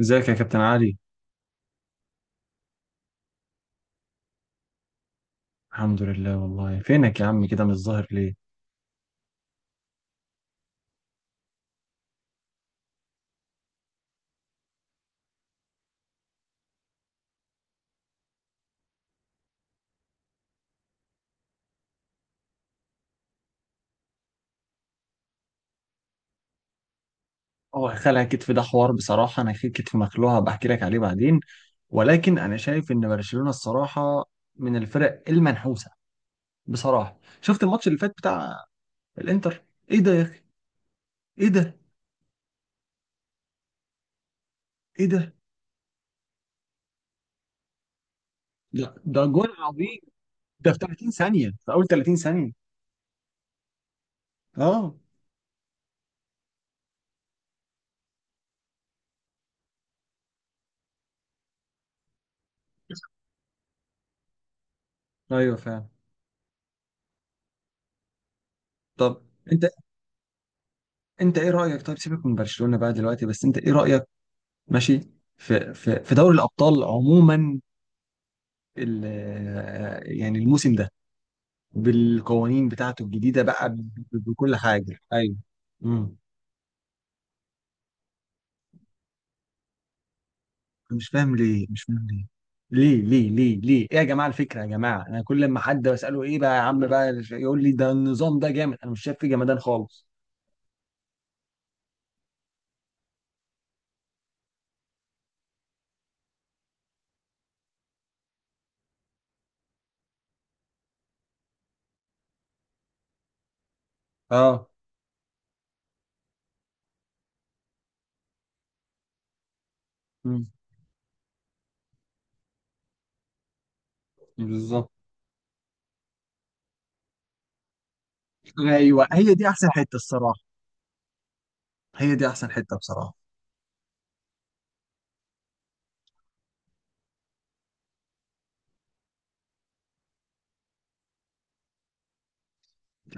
ازيك يا كابتن علي؟ الحمد لله والله. فينك يا عم؟ كده مش ظاهر ليه. هو خلع كتف ده حوار، بصراحة أنا في كتف مخلوع، هبقى أحكي لك عليه بعدين. ولكن أنا شايف إن برشلونة الصراحة من الفرق المنحوسة. بصراحة شفت الماتش اللي فات بتاع الإنتر. إيه ده يا أخي؟ إيه ده؟ إيه ده؟ لا ده جول عظيم، ده في 30 ثانية، في أول 30 ثانية. آه. أيوه فعلا. طب أنت أنت إيه رأيك؟ طيب سيبك من برشلونة بقى دلوقتي، بس أنت إيه رأيك؟ ماشي. في دوري الأبطال عموما، ال- يعني الموسم ده بالقوانين بتاعته الجديدة بقى، بكل حاجة، أيوه. امم مش فاهم ليه، مش فاهم ليه ليه ليه ليه ليه؟ ايه يا جماعه الفكره؟ يا جماعه انا كل ما حد بساله ايه بقى يا عم بقى يقول لي ده النظام ده جامد، انا مش شايف فيه جمدان خالص. اه. امم بالظبط. ايوه، هي دي احسن حته الصراحه، هي دي احسن حته بصراحه.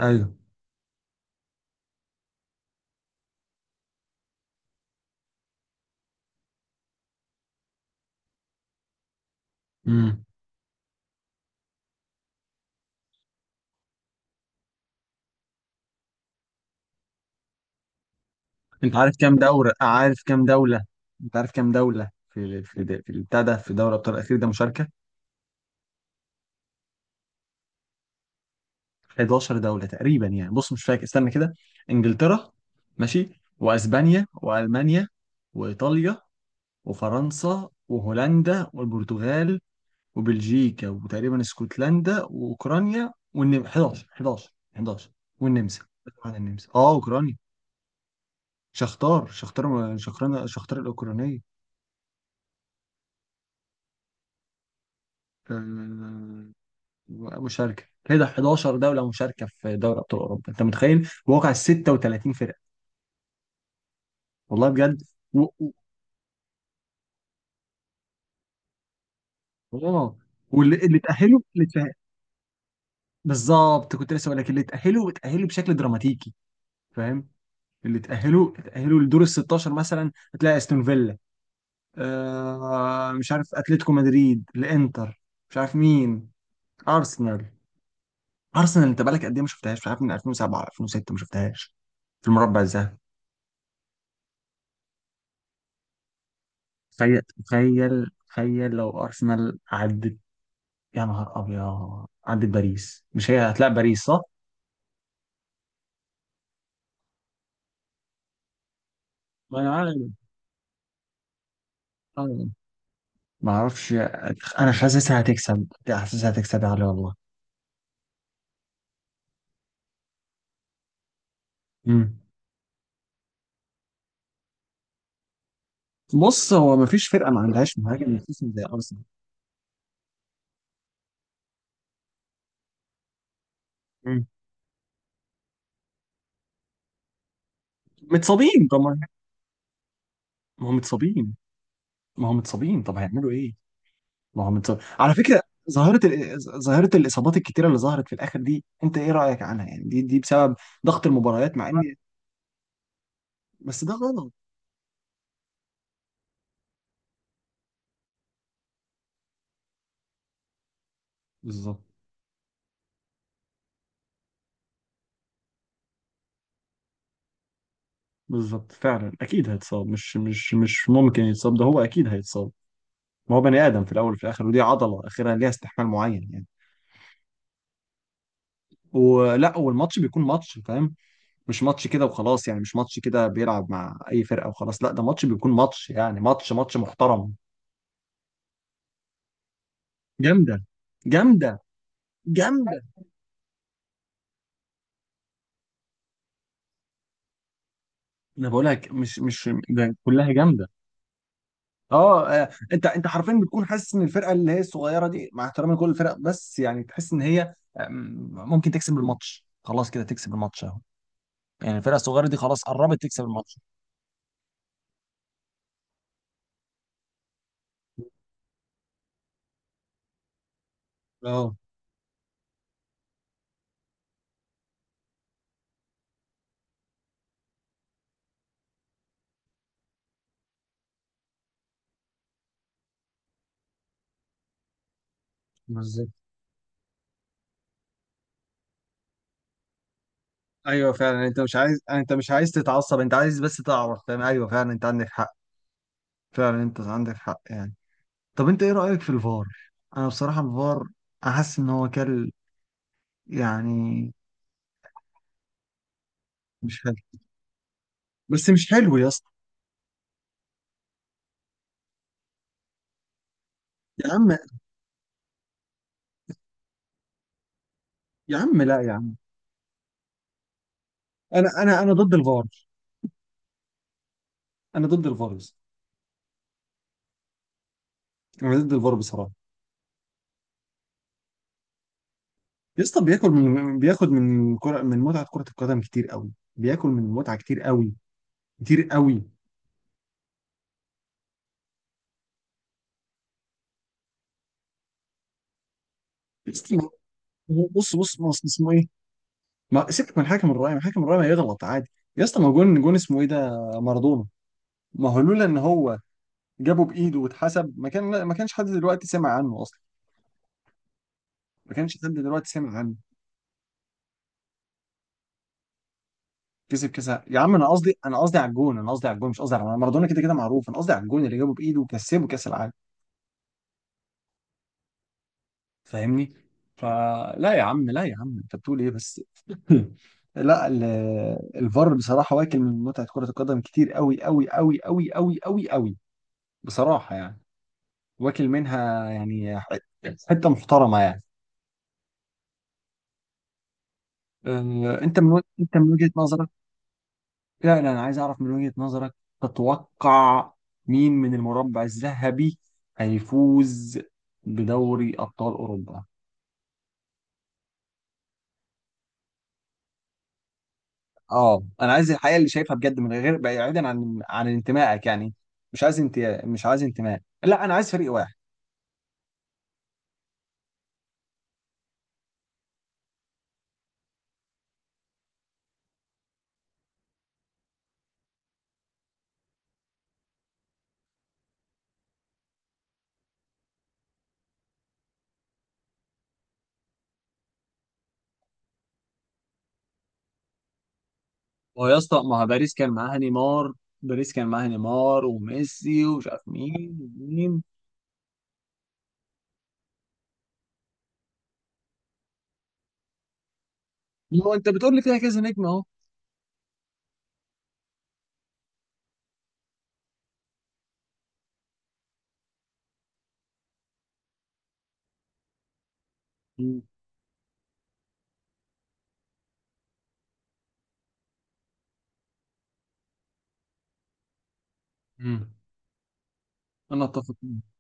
ايوه. امم انت عارف كام دوره؟ عارف كام دوله؟ انت عارف كام دوله في البتاع ده، في دوري ابطال الاخير ده مشاركه؟ 11 دولة تقريبا يعني. بص مش فاكر، استنى كده. انجلترا، ماشي، واسبانيا والمانيا وايطاليا وفرنسا وهولندا والبرتغال وبلجيكا وتقريبا اسكتلندا واوكرانيا والنمسا. 11 11 11. والنمسا، طبعا النمسا، اه اوكرانيا. شختار شختار شختار شختار الاوكرانيه. آه. مشاركه كده 11 دوله مشاركه في دوري ابطال اوروبا، انت متخيل؟ واقع 36 فرقه. والله بجد. اه. واللي تأهله، اللي تأهله، بالظبط، كنت لسه بقول لك اللي تأهله تأهله بشكل دراماتيكي، فاهم. اللي تأهله تأهله لدور ال 16 مثلا، هتلاقي استون فيلا، آه مش عارف، اتلتيكو مدريد، الانتر، مش عارف مين، ارسنال. ارسنال انت بقالك قد ايه ما شفتهاش؟ مش عارف، من 2007 2006 ما شفتهاش في المربع الذهبي. تخيل تخيل تخيل لو ارسنال عدت، يا نهار ابيض، عدت باريس. مش هي هتلاقي باريس صح؟ ما انا عارف، ما اعرفش. انا حاسسها هتكسب، حاسسها هتكسب يا علي والله. امم بص، هو ما فيش فرقه ما عندهاش مهاجم يتسم زي ارسنال. امم متصابين طبعا. ما هم متصابين، ما هم متصابين، طب هيعملوا ايه؟ ما هم متصابين على فكره. ظاهره الاصابات الكتيره اللي ظهرت في الاخر دي، انت ايه رايك عنها يعني؟ دي بسبب ضغط المباريات، مع ان بس ده غلط. بالظبط. بالظبط فعلا، اكيد هيتصاب، مش ممكن يتصاب، ده هو اكيد هيتصاب. ما هو بني ادم في الاول وفي الاخر، ودي عضله اخرها ليها استحمال معين يعني. والماتش بيكون ماتش، فاهم. مش ماتش كده وخلاص يعني، مش ماتش كده بيلعب مع اي فرقه وخلاص. لا، ده ماتش بيكون ماتش يعني، ماتش ماتش محترم. جامده، جامده، جامده. انا بقول لك، مش مش ده كلها جامده. اه، آه. انت حرفيا بتكون حاسس ان الفرقه اللي هي الصغيره دي، مع احترامي لكل الفرق بس يعني تحس ان هي، ممكن تكسب الماتش، خلاص كده تكسب الماتش اهو. يعني الفرقه الصغيره دي خلاص قربت تكسب الماتش. اه. بالظبط. ايوه فعلا، انت مش عايز تتعصب، انت عايز بس تعرف، فاهم. ايوه فعلا انت عندك حق، فعلا انت عندك حق يعني. طب انت ايه رأيك في الفار؟ انا بصراحة الفار احس ان هو كل يعني، مش حلو، بس مش حلو يا اسطى. يا عم، يا عم، لا يا عم، انا ضد الفار. انا ضد الفار يا اسطى. انا ضد الفار بصراحة. يا اسطى بياكل من بياخد من كرة، من متعة كرة القدم كتير قوي. بياكل من المتعة كتير قوي، كتير قوي. يا اسطى، بص بص بص، اسمه ايه. ما سيبك من حكم الرعاية، ما حكم الرعاية يغلط عادي. يا اسطى ما جون، اسمه ايه ده؟ مارادونا. ما هو لولا ان هو جابه بايده واتحسب، ما كانش حد دلوقتي سمع عنه اصلا، ما كانش حد دلوقتي سمع عنه. كسب كاس. يا عم انا قصدي على الجون، انا قصدي على الجون، مش قصدي على مارادونا، كده كده معروف. انا قصدي على الجون اللي جابه بايده وكسبه كاس العالم، فاهمني؟ فلا يا عم، لا يا عم، انت بتقول ايه بس؟ لا ال- الفار بصراحة واكل من متعة كرة القدم كتير قوي قوي قوي قوي قوي قوي قوي بصراحة يعني، واكل منها يعني حته محترمه يعني. أه. انت من وجهه نظرك، لا لا، انا عايز اعرف من وجهه نظرك. تتوقع مين من المربع الذهبي هيفوز بدوري ابطال اوروبا؟ اه، انا عايز الحقيقه اللي شايفها بجد من غير، بعيدا عن انتمائك يعني، مش عايز، انت مش عايز انتماء، لا انا عايز فريق واحد. هو يا اسطى ما هو باريس كان معاها نيمار، باريس كان معاها نيمار وميسي ومش عارف مين ومين. ما هو انت بتقول لي فيها كذا نجم اهو. مم. انا اتفق معاك.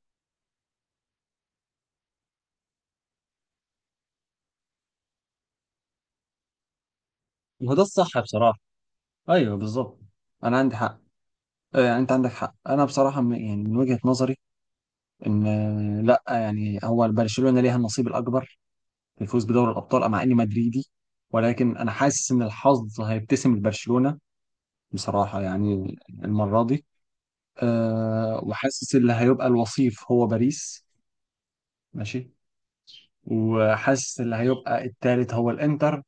وده الصح بصراحه. ايوه بالظبط. انا عندي حق. آه، يعني انت عندك حق، انا بصراحه، يعني من وجهه نظري ان، لا يعني هو برشلونه ليها النصيب الاكبر في الفوز بدوري الابطال مع اني مدريدي، ولكن انا حاسس ان الحظ هيبتسم لبرشلونه بصراحه يعني المره دي. أه وحاسس اللي هيبقى الوصيف هو باريس. ماشي. وحاسس اللي هيبقى الثالث هو الانتر.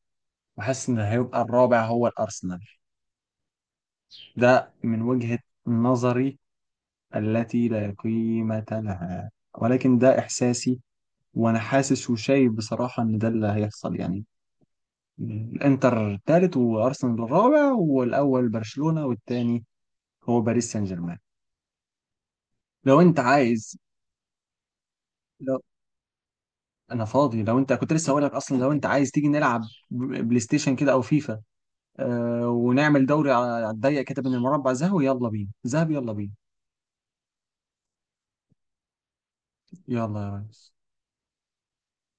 وحاسس ان هيبقى الرابع هو الارسنال. ده من وجهة نظري التي لا قيمة لها، ولكن ده إحساسي، وأنا حاسس وشايف بصراحة إن ده اللي هيحصل يعني. الإنتر الثالث وأرسنال الرابع والأول برشلونة والتاني هو باريس سان جيرمان. لو أنت عايز، لو أنا فاضي، لو أنت كنت لسه هقول لك أصلا، لو أنت عايز تيجي نلعب بلاي ستيشن كده أو فيفا، آه ونعمل دوري على الضيق كده بين المربع ذهبي. يلا بينا ذهبي، يلا بينا. يلا يا ريس.